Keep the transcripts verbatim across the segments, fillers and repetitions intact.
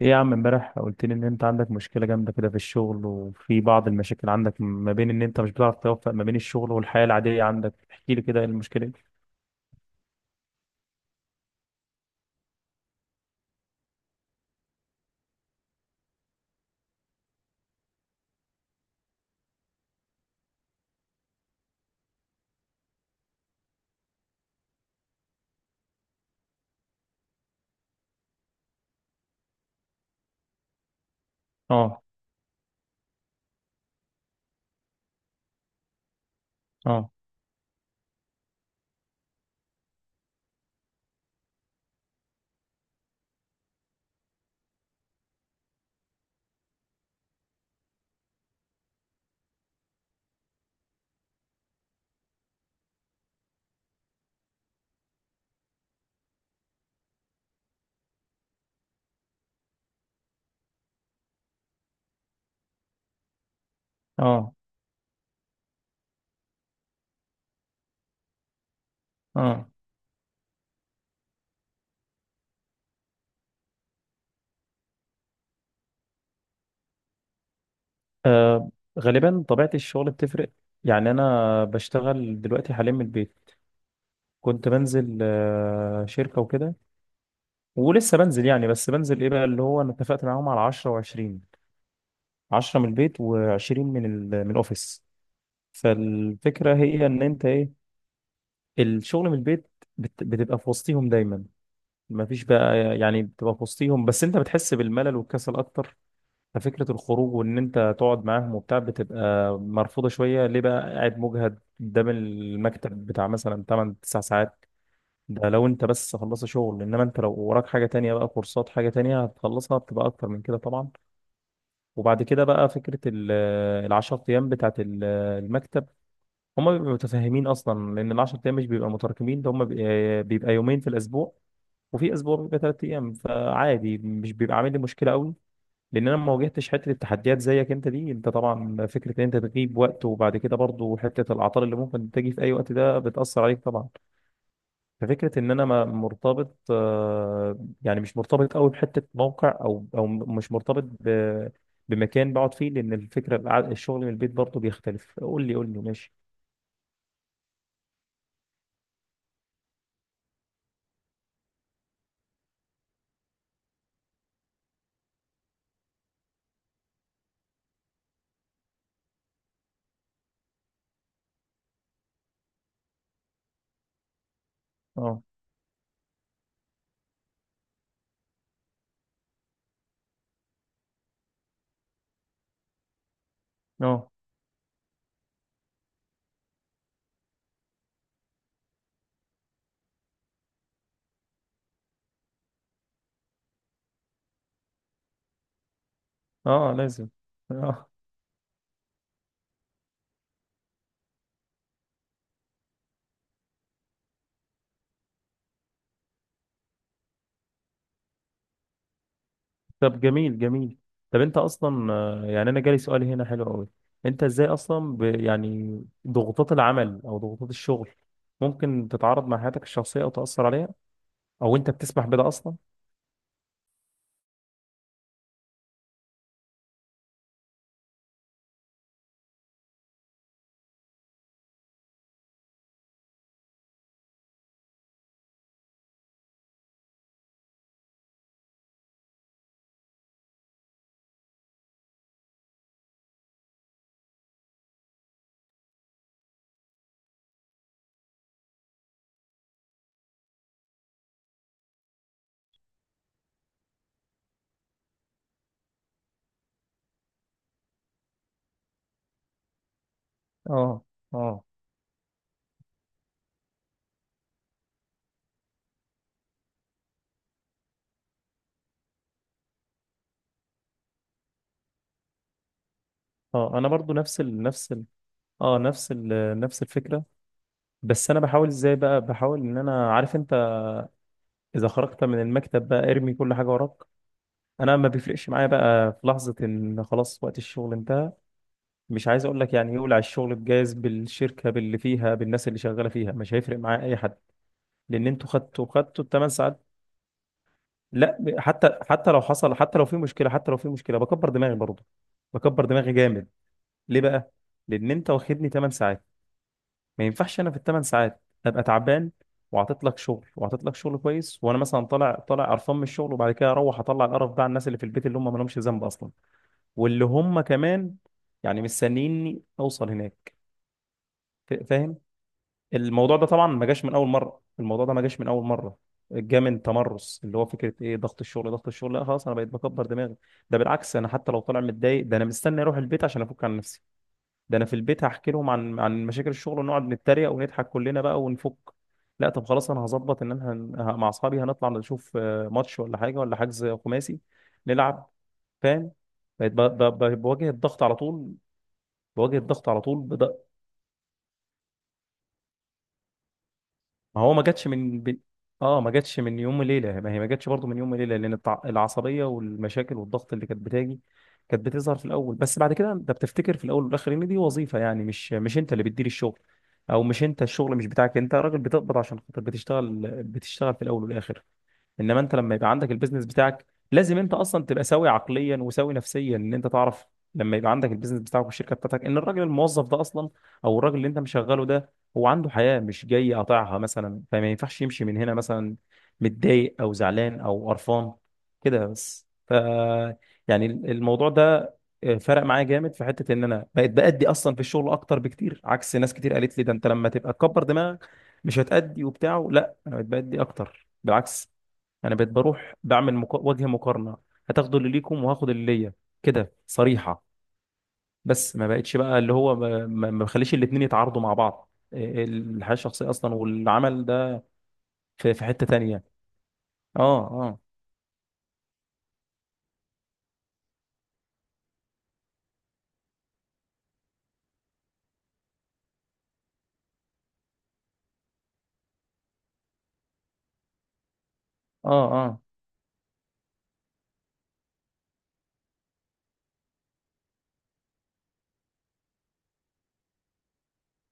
ايه يا عم، امبارح قلت لي ان انت عندك مشكلة جامدة كده في الشغل، وفي بعض المشاكل عندك ما بين ان انت مش بتعرف توفق ما بين الشغل والحياة العادية عندك. احكي لي كده، ايه المشكلة دي؟ اه. اه. اه. اه. آه، غالبا طبيعة الشغل بتفرق. يعني انا بشتغل دلوقتي حاليا من البيت. كنت بنزل آه، شركة وكده، ولسه بنزل. يعني بس بنزل ايه بقى، اللي هو انا اتفقت معاهم على عشرة و20. عشرة من البيت و20 من ال- من الاوفيس. فالفكرة هي ان انت ايه، الشغل من البيت بت... بتبقى في وسطيهم دايما. ما فيش بقى، يعني بتبقى في وسطيهم، بس انت بتحس بالملل والكسل اكتر. ففكرة الخروج وان انت تقعد معاهم وبتاع بتبقى مرفوضة شوية. ليه بقى؟ قاعد مجهد قدام المكتب بتاع مثلا ثمان تسع ساعات. ده لو انت بس خلصت شغل، انما انت لو وراك حاجة تانية بقى، كورسات، حاجة تانية هتخلصها، بتبقى اكتر من كده طبعا. وبعد كده بقى فكرة ال- العشر ايام بتاعت ال- المكتب. هما بيبقوا متفاهمين اصلا، لان العشر ايام مش بيبقى متراكمين. ده هما بي- بيبقى يومين في الاسبوع، وفي اسبوع بيبقى ثلاث ايام، فعادي مش بيبقى عامل لي مشكله قوي. لان انا ما واجهتش حته التحديات زيك انت دي. انت طبعا فكره ان انت تغيب وقت، وبعد كده برضو حته الاعطال اللي ممكن تجي في اي وقت، ده بتاثر عليك طبعا. ففكره ان انا ما مرتبط، آه، يعني مش مرتبط قوي بحته موقع، او او مش مرتبط ب- بمكان بقعد فيه، لان الفكره الع- الشغل من البيت برضو بيختلف. قول لي قول لي ماشي. اه. اه. اه. لازم. اه. طب جميل جميل. طب انت اصلا، آه، يعني انا جالي سؤال هنا حلو قوي. انت ازاي اصلا ب... يعني ضغوطات العمل او ضغوطات الشغل ممكن تتعارض مع حياتك الشخصيه او تاثر عليها، او انت بتسمح بده اصلا؟ اه. اه. اه. انا برضو نفس ال... نفس ال... اه نفس ال... نفس الفكره. بس انا بحاول ازاي بقى، بحاول ان انا عارف انت اذا خرجت من المكتب بقى ارمي كل حاجه وراك. انا ما بيفرقش معايا بقى في لحظه ان خلاص وقت الشغل انتهى، مش عايز اقول لك يعني يولع الشغل بجاز، بالشركه، باللي فيها، بالناس اللي شغاله فيها، مش هيفرق معاه اي حد. لان انتوا خدتوا خدتوا الثمان ساعات. لا، ب- حتى حتى لو حصل، حتى لو في مشكله حتى لو في مشكله بكبر دماغي برضه. بكبر دماغي جامد. ليه بقى؟ لان انت واخدني ثمان ساعات. ما ينفعش انا في الثمان ساعات ابقى تعبان، وعطيت لك شغل وعطيت لك شغل كويس، وانا مثلا طالع طالع قرفان من الشغل، وبعد كده اروح اطلع القرف ده على الناس اللي في البيت اللي هم ما لهمش ذنب اصلا، واللي هم كمان يعني مستنيني اوصل هناك. ف- فاهم. الموضوع ده طبعا ما جاش من اول مره، الموضوع ده ما جاش من اول مره. جه من تمرس، اللي هو فكره ايه، ضغط الشغل. ضغط الشغل لا خلاص انا بقيت بكبر دماغي. ده بالعكس، انا حتى لو طالع متضايق، ده انا مستني اروح البيت عشان افك عن نفسي. ده انا في البيت هحكي لهم عن عن مشاكل الشغل، ونقعد نتريق ونضحك كلنا بقى، ونفك. لا، طب خلاص، انا هظبط ان انا هن... ه- مع اصحابي هنطلع نشوف آه، ماتش ولا حاجه، ولا حجز خماسي نلعب. فاهم. بقيت ب... ب... ب... بواجه الضغط على طول. بواجه الضغط على طول ما هو ما جاتش من من- اه ما جاتش من يوم وليله. ما هي ما جاتش برضه من يوم وليله، لان التع- العصبيه والمشاكل والضغط اللي كانت بتاجي كانت بتظهر في الاول. بس بعد كده انت بتفتكر في الاول والاخر ان دي وظيفه، يعني مش مش انت اللي بتدير الشغل، او مش انت، الشغل مش بتاعك، انت راجل بتقبض عشان خاطر بتشتغل بتشتغل في الاول والاخر. انما انت لما يبقى عندك البيزنس بتاعك، لازم انت اصلا تبقى سوي عقليا وسوي نفسيا، ان انت تعرف لما يبقى عندك البيزنس بتاعك والشركه بتاعتك، ان الراجل الموظف ده اصلا، او الراجل اللي انت مشغله ده، هو عنده حياه، مش جاي قاطعها مثلا، فما ينفعش يمشي من هنا مثلا متضايق او زعلان او قرفان كده. بس ف، يعني الموضوع ده آه، فرق معايا جامد في حته ان انا بقيت بأدي اصلا في الشغل اكتر بكتير، عكس ناس كتير قالت لي ده انت لما تبقى تكبر دماغك مش هتأدي وبتاع. لا، انا بقيت بأدي اكتر بالعكس. انا بقيت بروح بعمل مقا... وجه مقارنه، هتاخدوا اللي ليكم وهاخد اللي ليا، كده صريحه. بس ما بقتش بقى اللي هو ما ما- ما بخليش الاتنين يتعارضوا مع بعض، إيه، الحياه الشخصيه اصلا والعمل ده. في في حته تانية. اه. اه. اه. اه.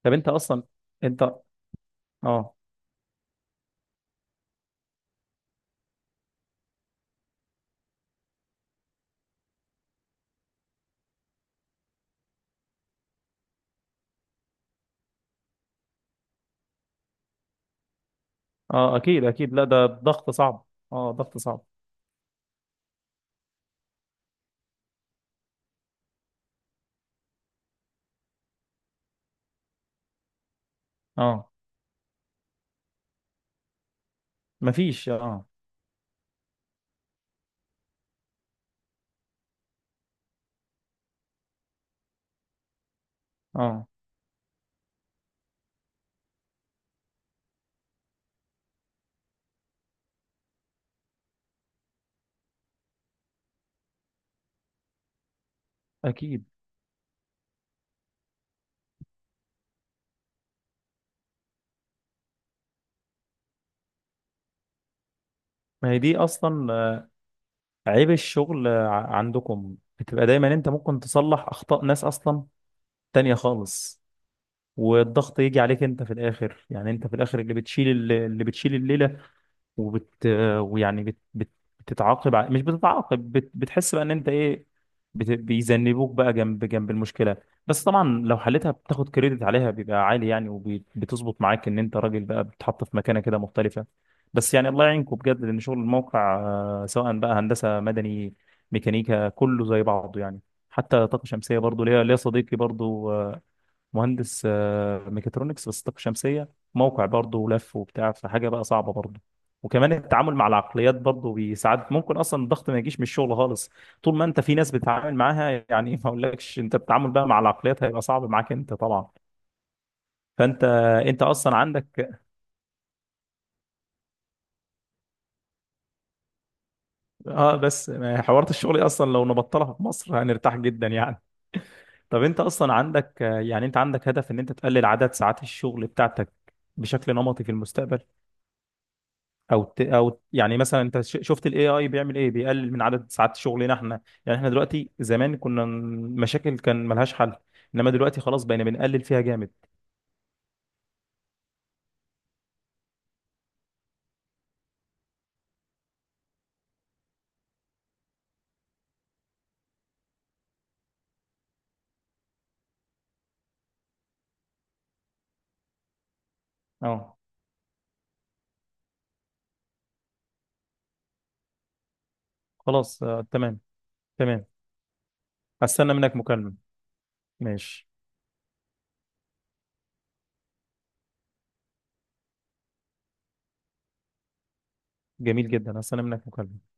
طب انت اصلا، انت. اه. اه اكيد اكيد. لا ده ضغط صعب. اه ضغط صعب. اه مفيش. اه. اه اكيد. ما هي دي اصلا آه، عيب الشغل. آه، ع- عندكم بتبقى دايما انت ممكن تصلح اخطاء ناس اصلا تانية خالص، والضغط يجي عليك انت في الاخر. يعني انت في الاخر اللي بتشيل، اللي بتشيل الليله. وبت، ويعني بت... بت... بتتعاقب ع- مش بتتعاقب بت... بتحس بقى ان انت ايه، بت... بيذنبوك بقى جنب جنب المشكله. بس طبعا لو حلتها بتاخد كريدت عليها بيبقى عالي يعني، وبتظبط معاك ان انت راجل بقى بتتحط في مكانه كده مختلفه. بس يعني الله يعينكم بجد، لان شغل الموقع، آه، سواء بقى هندسه مدني، ميكانيكا، كله زي بعضه يعني. حتى طاقه شمسيه برضه ليا ليا صديقي برضه آه، مهندس آه، ميكاترونكس بس طاقة شمسية، موقع برضه ولف وبتاع، فحاجة بقى صعبة برضه. وكمان التعامل مع العقليات برضه بيساعدك. ممكن اصلا الضغط ما يجيش من الشغل خالص، طول ما انت في ناس بتتعامل معاها. يعني ما اقولكش انت، التعامل بقى مع العقليات هيبقى صعب معاك انت طبعا. فانت انت اصلا عندك، اه، بس حوارات الشغل اصلا لو نبطلها في مصر هنرتاح جدا يعني. طب انت اصلا عندك آه، يعني انت عندك هدف ان انت تقلل عدد ساعات الشغل بتاعتك بشكل نمطي في المستقبل؟ او ت... او يعني مثلا انت ش- شفت الاي اي بيعمل ايه، بيقلل من عدد ساعات شغلنا احنا. يعني احنا دلوقتي زمان كنا ن- مشاكل كان ملهاش حل، انما دلوقتي خلاص بقينا بنقلل فيها جامد. اه. خلاص آه تمام. تمام، هستنى منك مكالمة. ماشي. جميل جدا، هستنى منك مكالمة.